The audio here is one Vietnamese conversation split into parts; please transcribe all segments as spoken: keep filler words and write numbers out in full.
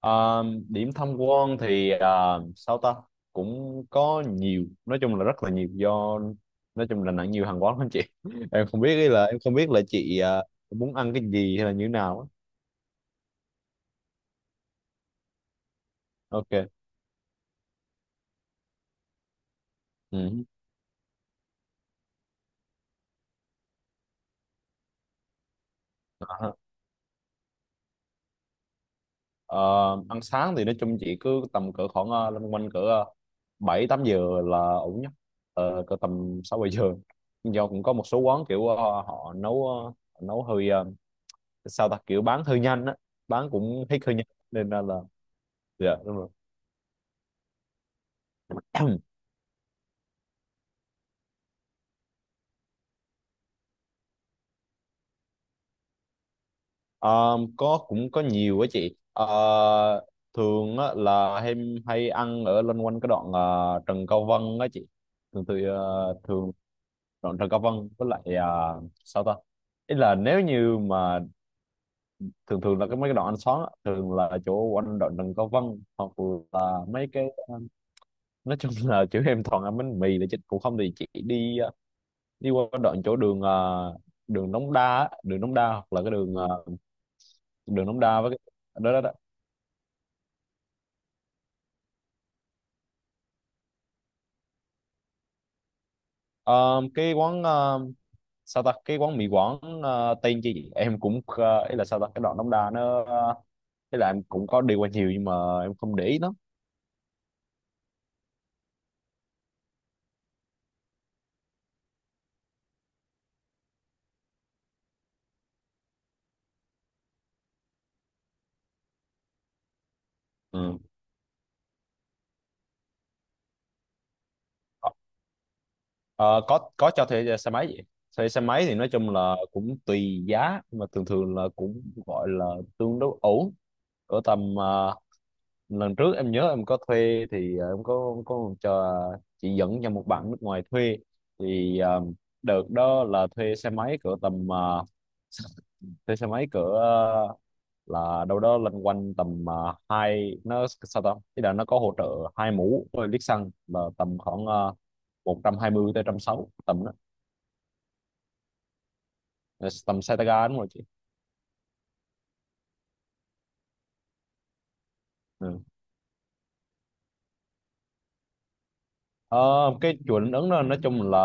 Ờ, Điểm tham quan thì ờ, sao ta cũng có nhiều, nói chung là rất là nhiều, do nói chung là nặng nhiều hàng quán lắm chị. em không biết ý là em không biết là chị ờ, muốn ăn cái gì hay là như thế nào á. Ok. Ừ. Ờ, ờ, Ăn sáng thì nói chung chị cứ tầm cỡ khoảng ờ, loanh quanh cỡ ờ, bảy tám giờ là ổn nhất. Ờ, cỡ tầm sáu bảy giờ, do cũng có một số quán kiểu ờ, họ nấu ờ, nấu hơi ờ, sao ta kiểu bán hơi nhanh á, bán cũng hết hơi nhanh nên là... Dạ, đúng rồi. Ờ, có, cũng có nhiều á chị. Ờ, thường á, là em hay ăn ở loanh quanh cái đoạn ờ, Trần Cao Vân á chị, thường thì ờ, thường đoạn Trần Cao Vân với lại ờ, sao ta, ý là nếu như mà thường thường là cái mấy cái đoạn ăn xóm á, thường là chỗ quanh đoạn Trần Cao Vân hoặc là mấy cái ờ, nói chung là chỗ em toàn ăn bánh mì là chứ cũng không, thì chị đi ờ, đi qua đoạn chỗ đường ờ, đường Đống Đa á, đường Đống Đa hoặc là cái đường ờ, đường Đống Đa với cái... đó đó, đó. Ờ, cái quán ờ, sao ta cái quán mì Quảng ờ, tên chi vậy? Em cũng, ờ, ý là sao ta cái đoạn Đống Đa nó ờ, ý là em cũng có đi qua nhiều nhưng mà em không để ý lắm. Ừ. Ờ, có có cho thuê xe máy vậy. Thuê xe máy thì nói chung là cũng tùy giá nhưng mà thường thường là cũng gọi là tương đối ổn, ở tầm ờ, lần trước em nhớ em có thuê thì ờ, em có có cho chị dẫn cho một bạn nước ngoài thuê, thì ờ, đợt đó là thuê xe máy cỡ tầm ờ, thuê xe máy cỡ ờ, là đâu đó loanh quanh tầm ờ, hai, nó sao ta, ý là nó có hỗ trợ hai mũ với lít xăng là tầm khoảng uh, một trăm hai mươi tới một trăm sáu mươi tầm đó. Ờ, tầm xe tay ga đúng rồi chị. Ừ. Ờ, cái chùa Ứng đó nói chung là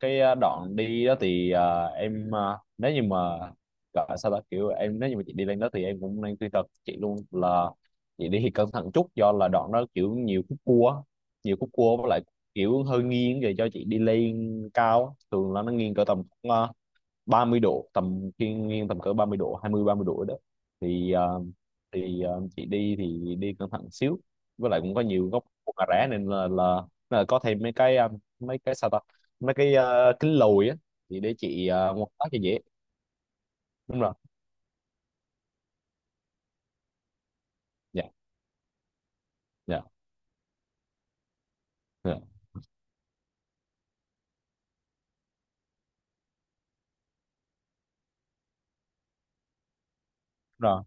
cái ờ, đoạn đi đó thì ờ, em ờ, nếu như mà gọi sao ta kiểu em, nếu như mà chị đi lên đó thì em cũng nên khuyên thật chị luôn là chị đi thì cẩn thận chút, do là đoạn đó kiểu nhiều khúc cua á, nhiều khúc cua với lại kiểu hơi nghiêng về cho chị đi lên cao á. Thường là nó nghiêng cỡ tầm ba mươi độ, tầm thiên nhiên tầm cỡ ba mươi độ, hai mươi ba mươi độ đó. Thì ờ, thì ờ, chị đi thì đi cẩn thận xíu, với lại cũng có nhiều góc cua cà rá nên là, là là có thêm mấy cái ờ, mấy cái sao ta mấy cái ờ, kính lùi á, thì để chị ờ, quan sát cho dễ. Đúng rồi. Dạ, dạ, dạ. Rồi.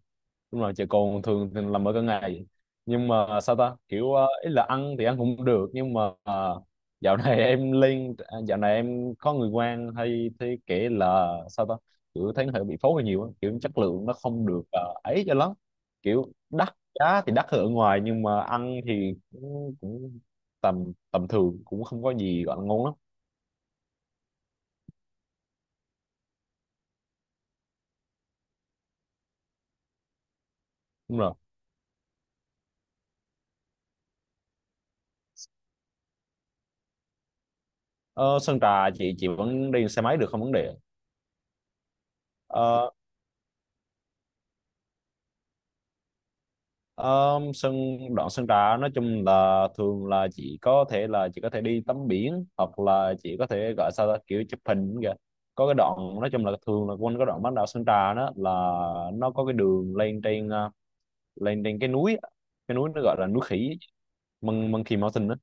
Đúng rồi, chè cồn thường thì làm ở cả ngày, nhưng mà sao ta kiểu ờ, ý là ăn thì ăn cũng được nhưng mà ờ, dạo này em lên, à, dạo này em có người quen hay thấy kể là sao ta, kiểu thấy nó hơi bị phối hơi nhiều á. Kiểu chất lượng nó không được ờ, ấy cho lắm, kiểu đắt giá thì đắt hơn ở ngoài nhưng mà ăn thì cũng, cũng tầm tầm thường, cũng không có gì gọi là ngon lắm. Đúng rồi. Ờ, Sơn Trà chị chị vẫn đi xe máy được, không vấn đề. Ờ, Ờ, Sân, đoạn sân trà nói chung là thường là chị có thể là chị có thể đi tắm biển, hoặc là chị có thể gọi sao ta, kiểu chụp hình kìa, có cái đoạn nói chung là thường là quanh cái đoạn bán đảo Sơn Trà đó, là nó có cái đường lên trên ờ, lên trên cái núi á. Cái núi nó gọi là núi khỉ, Mon- Monkey Mountain đó.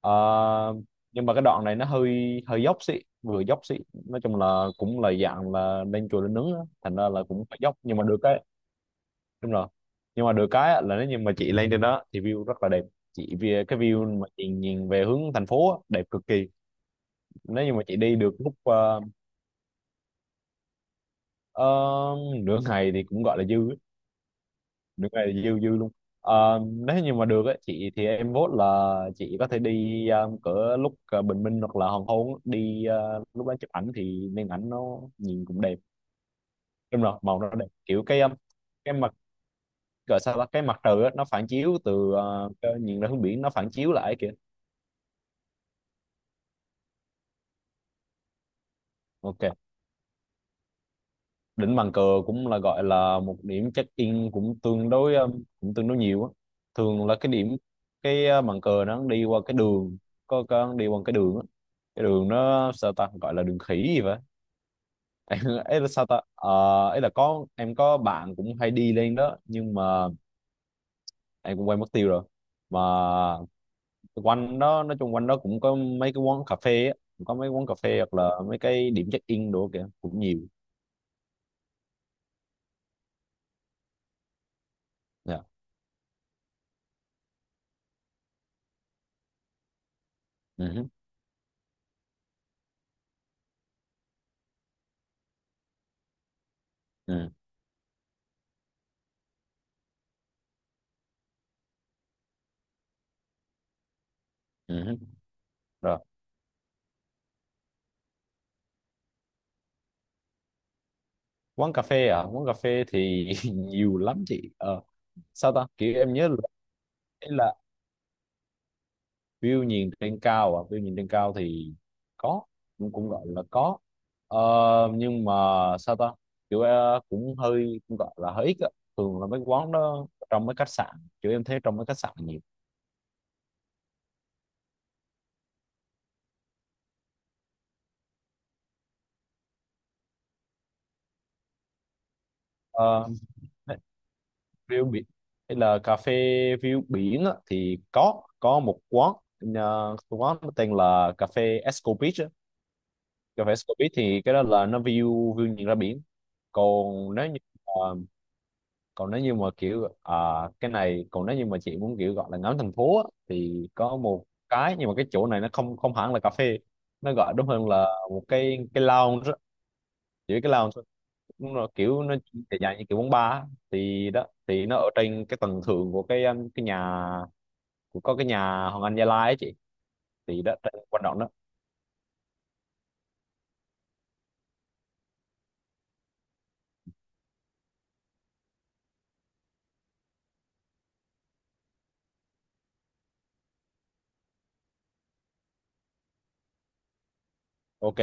Ờ, nhưng mà cái đoạn này nó hơi hơi dốc xị, vừa dốc xị, nói chung là cũng là dạng là lên chùa lên nướng á, thành ra là cũng phải dốc nhưng mà được. Đúng rồi, nhưng mà được cái á, là nếu như mà chị lên trên đó thì view rất là đẹp, chị vì cái view mà chị nhìn về hướng thành phố á, đẹp cực kỳ. Nếu như mà chị đi được lúc ờ, ờ, nửa ngày thì cũng gọi là dư á, nửa ngày là dư dư luôn. Ờ, nếu như mà được á, chị thì em vote là chị có thể đi ờ, cỡ lúc ờ, bình minh hoặc là hoàng hôn á. Đi ờ, lúc đó chụp ảnh thì nên, ảnh nó nhìn cũng đẹp. Đúng rồi, màu nó đẹp, kiểu cái ờ, cái mặt, gọi sao ta, cái mặt trời á, nó phản chiếu từ ờ, cái- nhìn ra hướng biển nó phản chiếu lại kìa. Ok. Đỉnh bàn cờ cũng là gọi là một điểm check-in cũng tương đối, um, cũng tương đối nhiều á. Thường là cái điểm, cái uh, bàn cờ nó đi qua cái đường, có có đi qua cái đường á, cái đường nó sao ta, gọi là đường khỉ gì vậy. Em ấy là sao ta, Ờ, ấy là có, em có bạn cũng hay đi lên đó nhưng mà em cũng quên mất tiêu rồi mà. Quanh đó nói chung quanh đó cũng có mấy cái quán cà phê á, cũng có mấy quán cà phê hoặc là mấy cái điểm check-in đồ kìa cũng nhiều. Dạ. Ừ hứ. Ừ. Ừ. Hứ. Rồi. Quán cà phê, à quán cà phê thì nhiều lắm chị. Ờ, sao ta kiểu em nhớ là, ý là view nhìn trên cao, à view nhìn trên cao thì có, cũng cũng gọi là có. Ờ, nhưng mà sao ta kiểu ờ, cũng hơi, cũng gọi là hơi ít á, thường là mấy quán đó trong mấy khách sạn, kiểu em thấy trong mấy khách sạn nhiều. Ờ, view biển hay là cà phê view biển á, thì có có một quán ờ, quán nó tên là cà phê Esco Beach á. Cà phê Scorpit thì cái đó là nó view, view nhìn ra biển. Còn nếu như ờ, còn nếu như mà kiểu, à, cái này còn nếu như mà chị muốn kiểu gọi là ngắm thành phố á, thì có một cái, nhưng mà cái chỗ này nó không, không hẳn là cà phê, nó gọi đúng hơn là một cái cái lounge á, chỉ cái lounge thôi. Đúng rồi, kiểu nó dài dài như kiểu quán bar á, thì đó thì nó ở trên cái tầng thượng của cái um, cái nhà, của, có cái nhà Hoàng Anh Gia Lai ấy chị, thì đó trên quanh đó. Ok.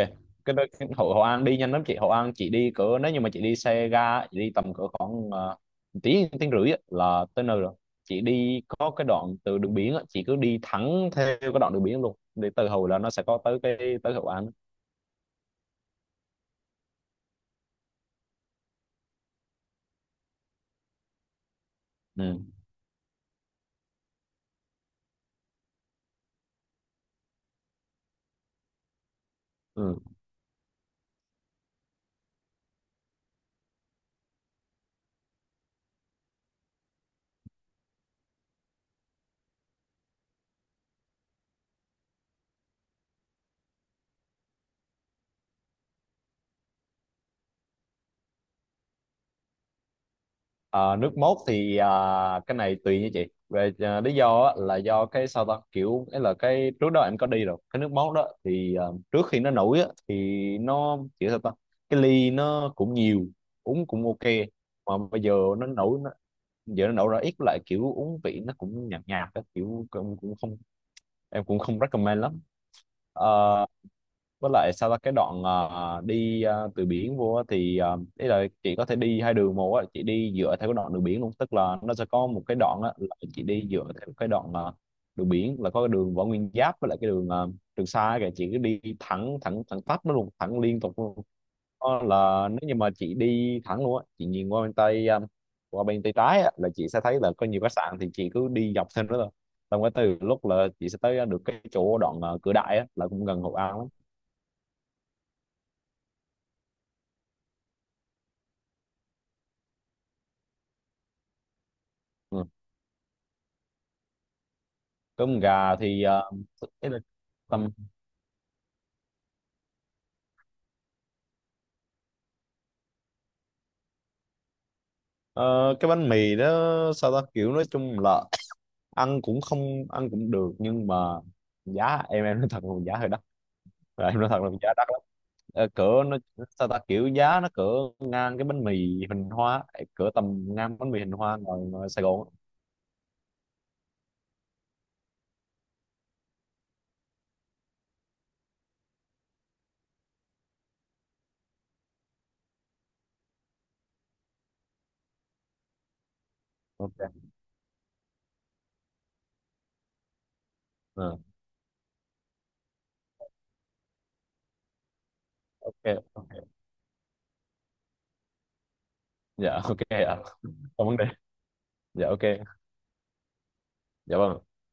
Cái, đó- cái Hội Hội An đi nhanh lắm chị. Hội An chị đi cỡ, nếu như mà chị đi xe ga chị đi tầm cỡ khoảng ờ, tiếng tiếng rưỡi á, là tới nơi rồi. Chị đi có cái đoạn từ đường biển á, chị cứ đi thẳng theo cái đoạn đường biển luôn, để từ Hồi là nó sẽ có tới cái, tới Hội An. Ừ. Ừ. Ờ, nước mốt thì, à, cái này tùy nha chị, về, à, lý do á, là do cái sao ta kiểu, ấy là cái trước đó em có đi rồi, cái nước mốt đó thì, à, trước khi nó nổi á, thì nó kiểu sao ta, cái ly nó cũng nhiều, uống cũng ok. Mà bây giờ nó nổi nó, giờ nó nổi ra ít lại, kiểu uống vị nó cũng nhạt nhạt á, kiểu cũng, cũng không, em cũng không recommend lắm. Ờ, với lại sau đó cái đoạn ờ, đi ờ, từ biển vô á thì, uh, ý là chị có thể đi hai đường một á, chị đi dựa theo cái đoạn đường biển luôn, tức là nó sẽ có một cái đoạn á là chị đi dựa theo cái đoạn ờ, đường biển, là có cái đường Võ Nguyên Giáp với lại cái đường ờ, Trường Sa kìa, chị cứ đi thẳng thẳng thẳng tắp nó luôn, thẳng liên tục luôn. Đó là nếu như mà chị đi thẳng luôn á, chị nhìn qua bên tay ờ, qua bên tay trái á là chị sẽ thấy là có nhiều khách sạn, thì chị cứ đi dọc theo đó thôi. Xong cái từ lúc là chị sẽ tới được cái chỗ đoạn ờ, Cửa Đại á là cũng gần Hội An lắm. Ừ. Cơm gà thì ờ, ý là tầm ờ, cái bánh mì đó sao ta kiểu nói chung là ăn cũng không, ăn cũng được nhưng mà giá, em em nói thật là giá hơi đắt. Rồi, em nói thật là giá đắt lắm. Ờ, cỡ nó sao ta kiểu giá nó cỡ ngang cái bánh mì hình hoa, cỡ tầm ngang bánh mì hình hoa ngoài, ngoài Sài Gòn á. Ok. Ờ, ok. Ok. Dạ ok ạ. Không vấn đề. Dạ ok. Dạ vâng.